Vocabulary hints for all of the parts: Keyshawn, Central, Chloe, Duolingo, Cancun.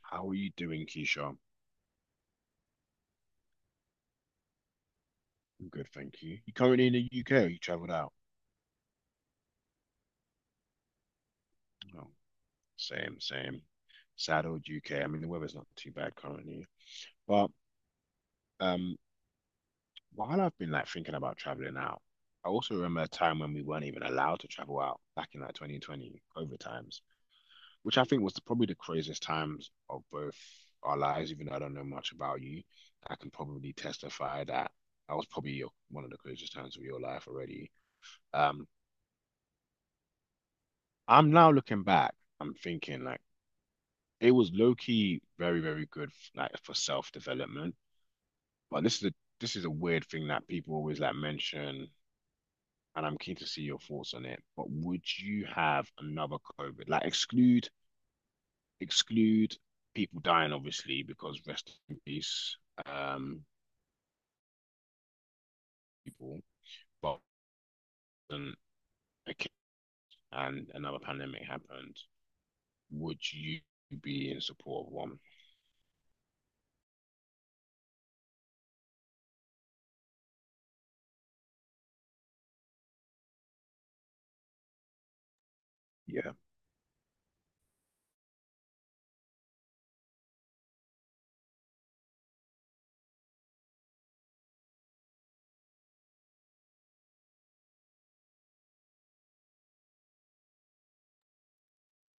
How are you doing, Keyshawn? I'm good, thank you. You currently in the UK or you travelled out? Oh, same, same. Sad old UK. I mean, the weather's not too bad currently. But um, while I've been like thinking about travelling out, I also remember a time when we weren't even allowed to travel out back in like 2020 COVID times, which I think was probably the craziest times of both our lives, even though I don't know much about you. I can probably testify that that was probably one of the craziest times of your life already. Um, I'm now looking back, I'm thinking like it was low key very, very good like for self-development. But this is a weird thing that people always like mention, and I'm keen to see your thoughts on it. But would you have another COVID? Like exclude people dying, obviously, because rest in peace, um, people. But um, okay, and another pandemic happened. Would you be in support of one? Yeah,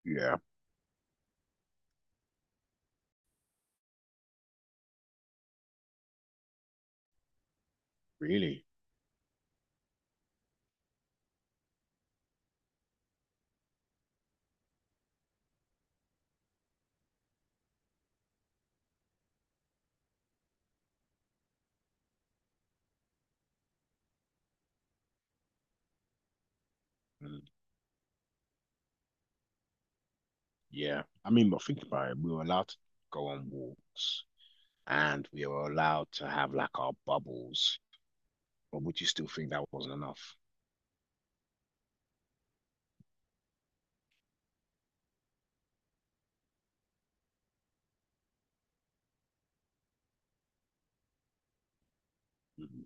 yeah, really. Yeah. I mean, but think about it. We were allowed to go on walks and we were allowed to have like our bubbles. But would you still think that wasn't enough? Mhm.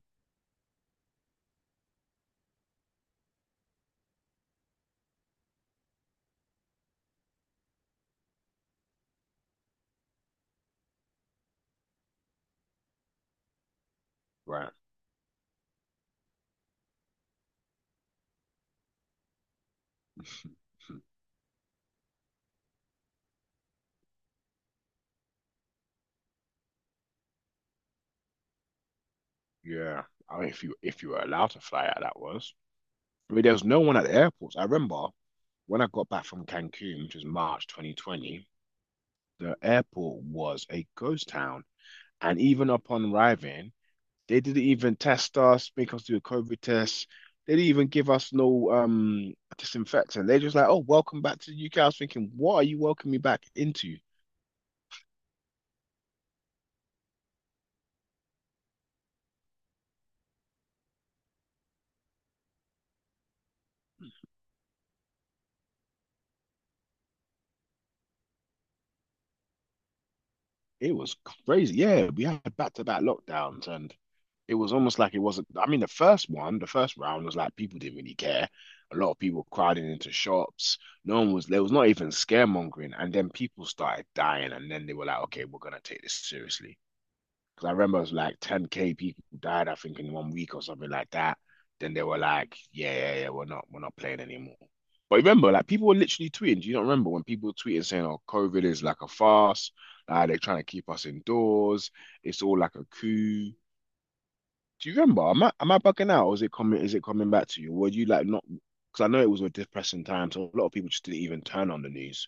Right. Yeah. I mean, if you were allowed to fly out, that was. I mean, there was no one at the airports. I remember when I got back from Cancun, which was March 2020, the airport was a ghost town. And even upon arriving, they didn't even test us, make us do a COVID test. They didn't even give us no disinfectant. They're just like, oh, welcome back to the UK. I was thinking, what are you welcoming me back into? It was crazy. Yeah, we had back-to-back lockdowns and it was almost like it wasn't. I mean, the first one, the first round was like people didn't really care. A lot of people crowding into shops. No one was, there was not even scaremongering. And then people started dying. And then they were like, okay, we're gonna take this seriously. Because I remember it was like 10K people died, I think, in one week or something like that. Then they were like, yeah, yeah, yeah, we're not playing anymore. But remember, like people were literally tweeting. Do you not remember when people were tweeting saying, oh, COVID is like a farce, they're trying to keep us indoors, it's all like a coup. Do you remember? Am I bugging out or is it coming back to you? Were you like not because I know it was a depressing time, so a lot of people just didn't even turn on the news.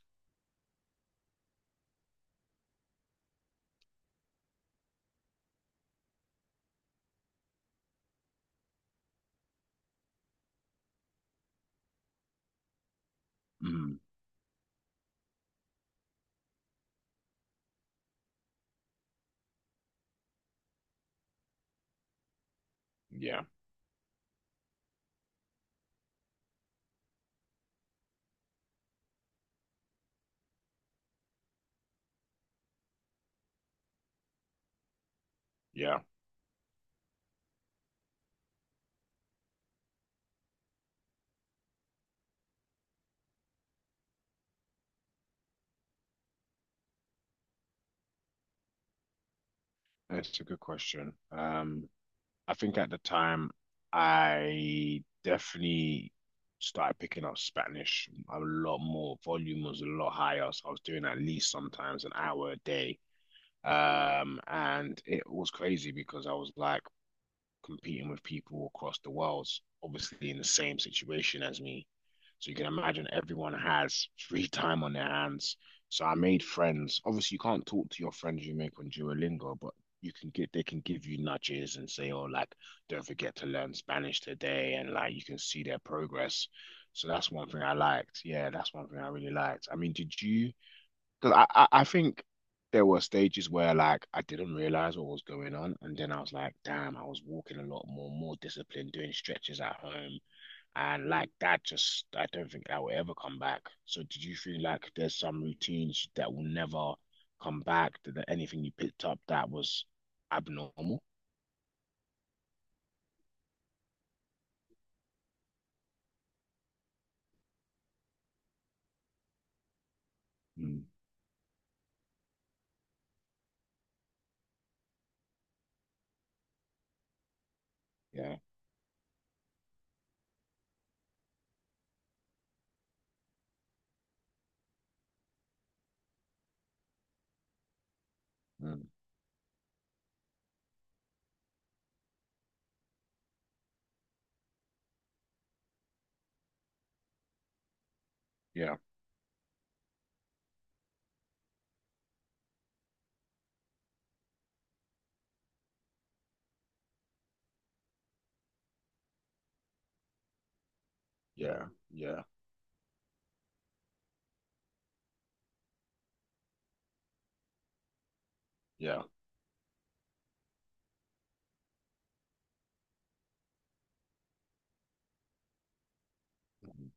Mm, yeah, yeah. That's a good question. I think at the time I definitely started picking up Spanish a lot more. Volume was a lot higher, so I was doing at least sometimes an hour a day. And it was crazy because I was like, competing with people across the world, obviously in the same situation as me. So you can imagine everyone has free time on their hands. So I made friends. Obviously, you can't talk to your friends you make on Duolingo, but you can get they can give you nudges and say, oh, like, don't forget to learn Spanish today, and like you can see their progress. So that's one thing I liked. Yeah, that's one thing I really liked. I mean, did you because I think there were stages where like I didn't realize what was going on, and then I was like, damn, I was walking a lot more, more disciplined, doing stretches at home, and like that just I don't think that will ever come back. So did you feel like there's some routines that will never come back? Did there anything you picked up that was abnormal? Mm, yeah, Mm, yeah, yeah, yeah, yeah, mm,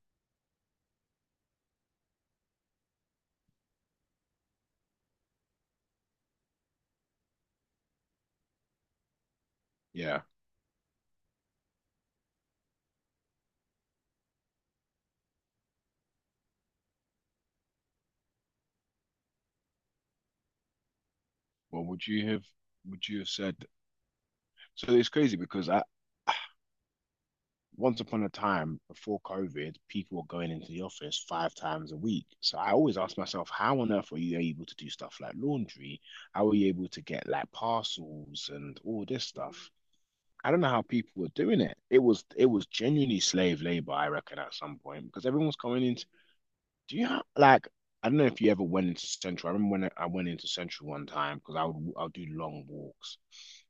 yeah. Well, would you have said? So it's crazy because I. Once upon a time before COVID, people were going into the office five times a week. So I always ask myself, how on earth are you able to do stuff like laundry? How are you able to get like parcels and all this stuff? I don't know how people were doing it. It was genuinely slave labor, I reckon, at some point because everyone's coming into. Do you have like I don't know if you ever went into Central. I remember when I went into Central one time because I would do long walks,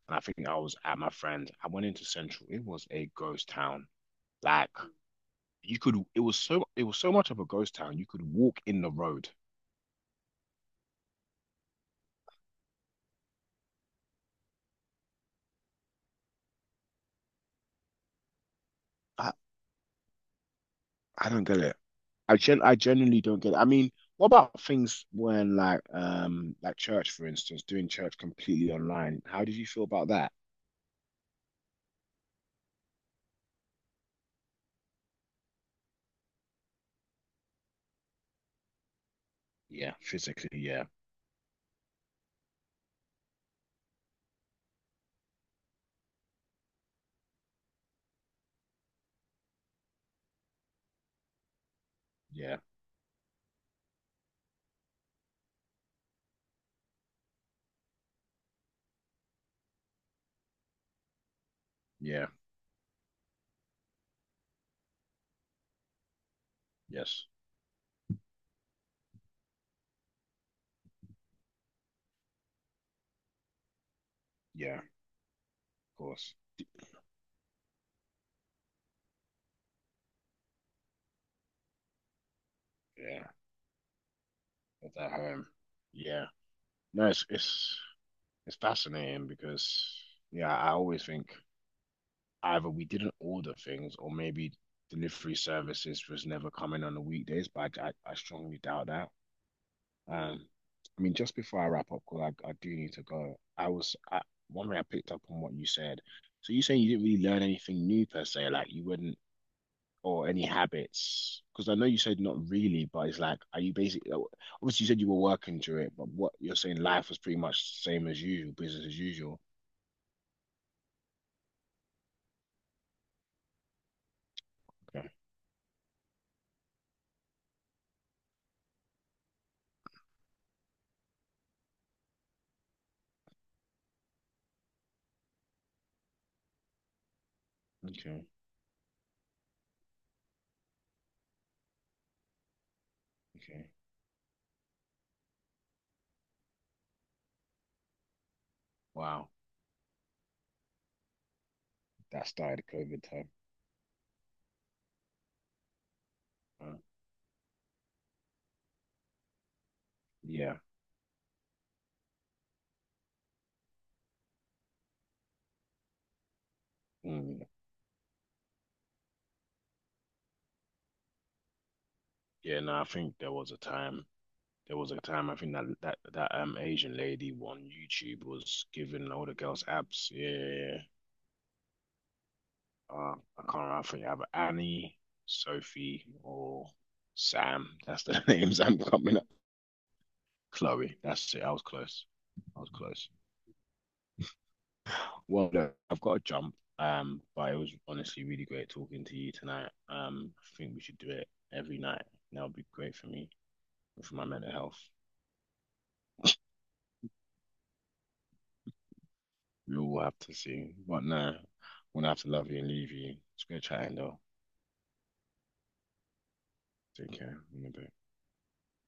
and I think I was at my friend. I went into Central. It was a ghost town. Like you could. It was so much of a ghost town. You could walk in the road. I, I don't get it. I genuinely don't get it. I mean, what about things when like church, for instance, doing church completely online? How did you feel about that? Yeah, physically. Yeah. Yeah. Yeah. Yes. Yeah. Of course. Yeah. At that home. Yeah. No, it's fascinating because yeah, I always think, either we didn't order things or maybe delivery services was never coming on the weekdays, but I strongly doubt that. Um, I mean, just before I wrap up, because I do need to go, one way I picked up on what you said. So you saying you didn't really learn anything new per se, like you wouldn't, or any habits? Because I know you said not really, but it's like, are you basically, obviously you said you were working through it, but what you're saying, life was pretty much same as usual, business as usual. Okay, okay, okay. Wow, that started COVID time. Uh, Yeah. Mm. Yeah, no, I think there was a time. There was a time I think that Asian lady on YouTube was giving all the girls abs. Yeah, yeah, yeah. I can't remember. I think either Annie, Sophie, or Sam. That's the names I'm coming up. Chloe. That's it. I was close. I was close. Well, look, I've got to jump. But it was honestly really great talking to you tonight. I think we should do it every night. That would be great for me, for my mental health. We all have to see. But no, I'm gonna have to love you and leave you. It's great chatting though. Take care. In a bit.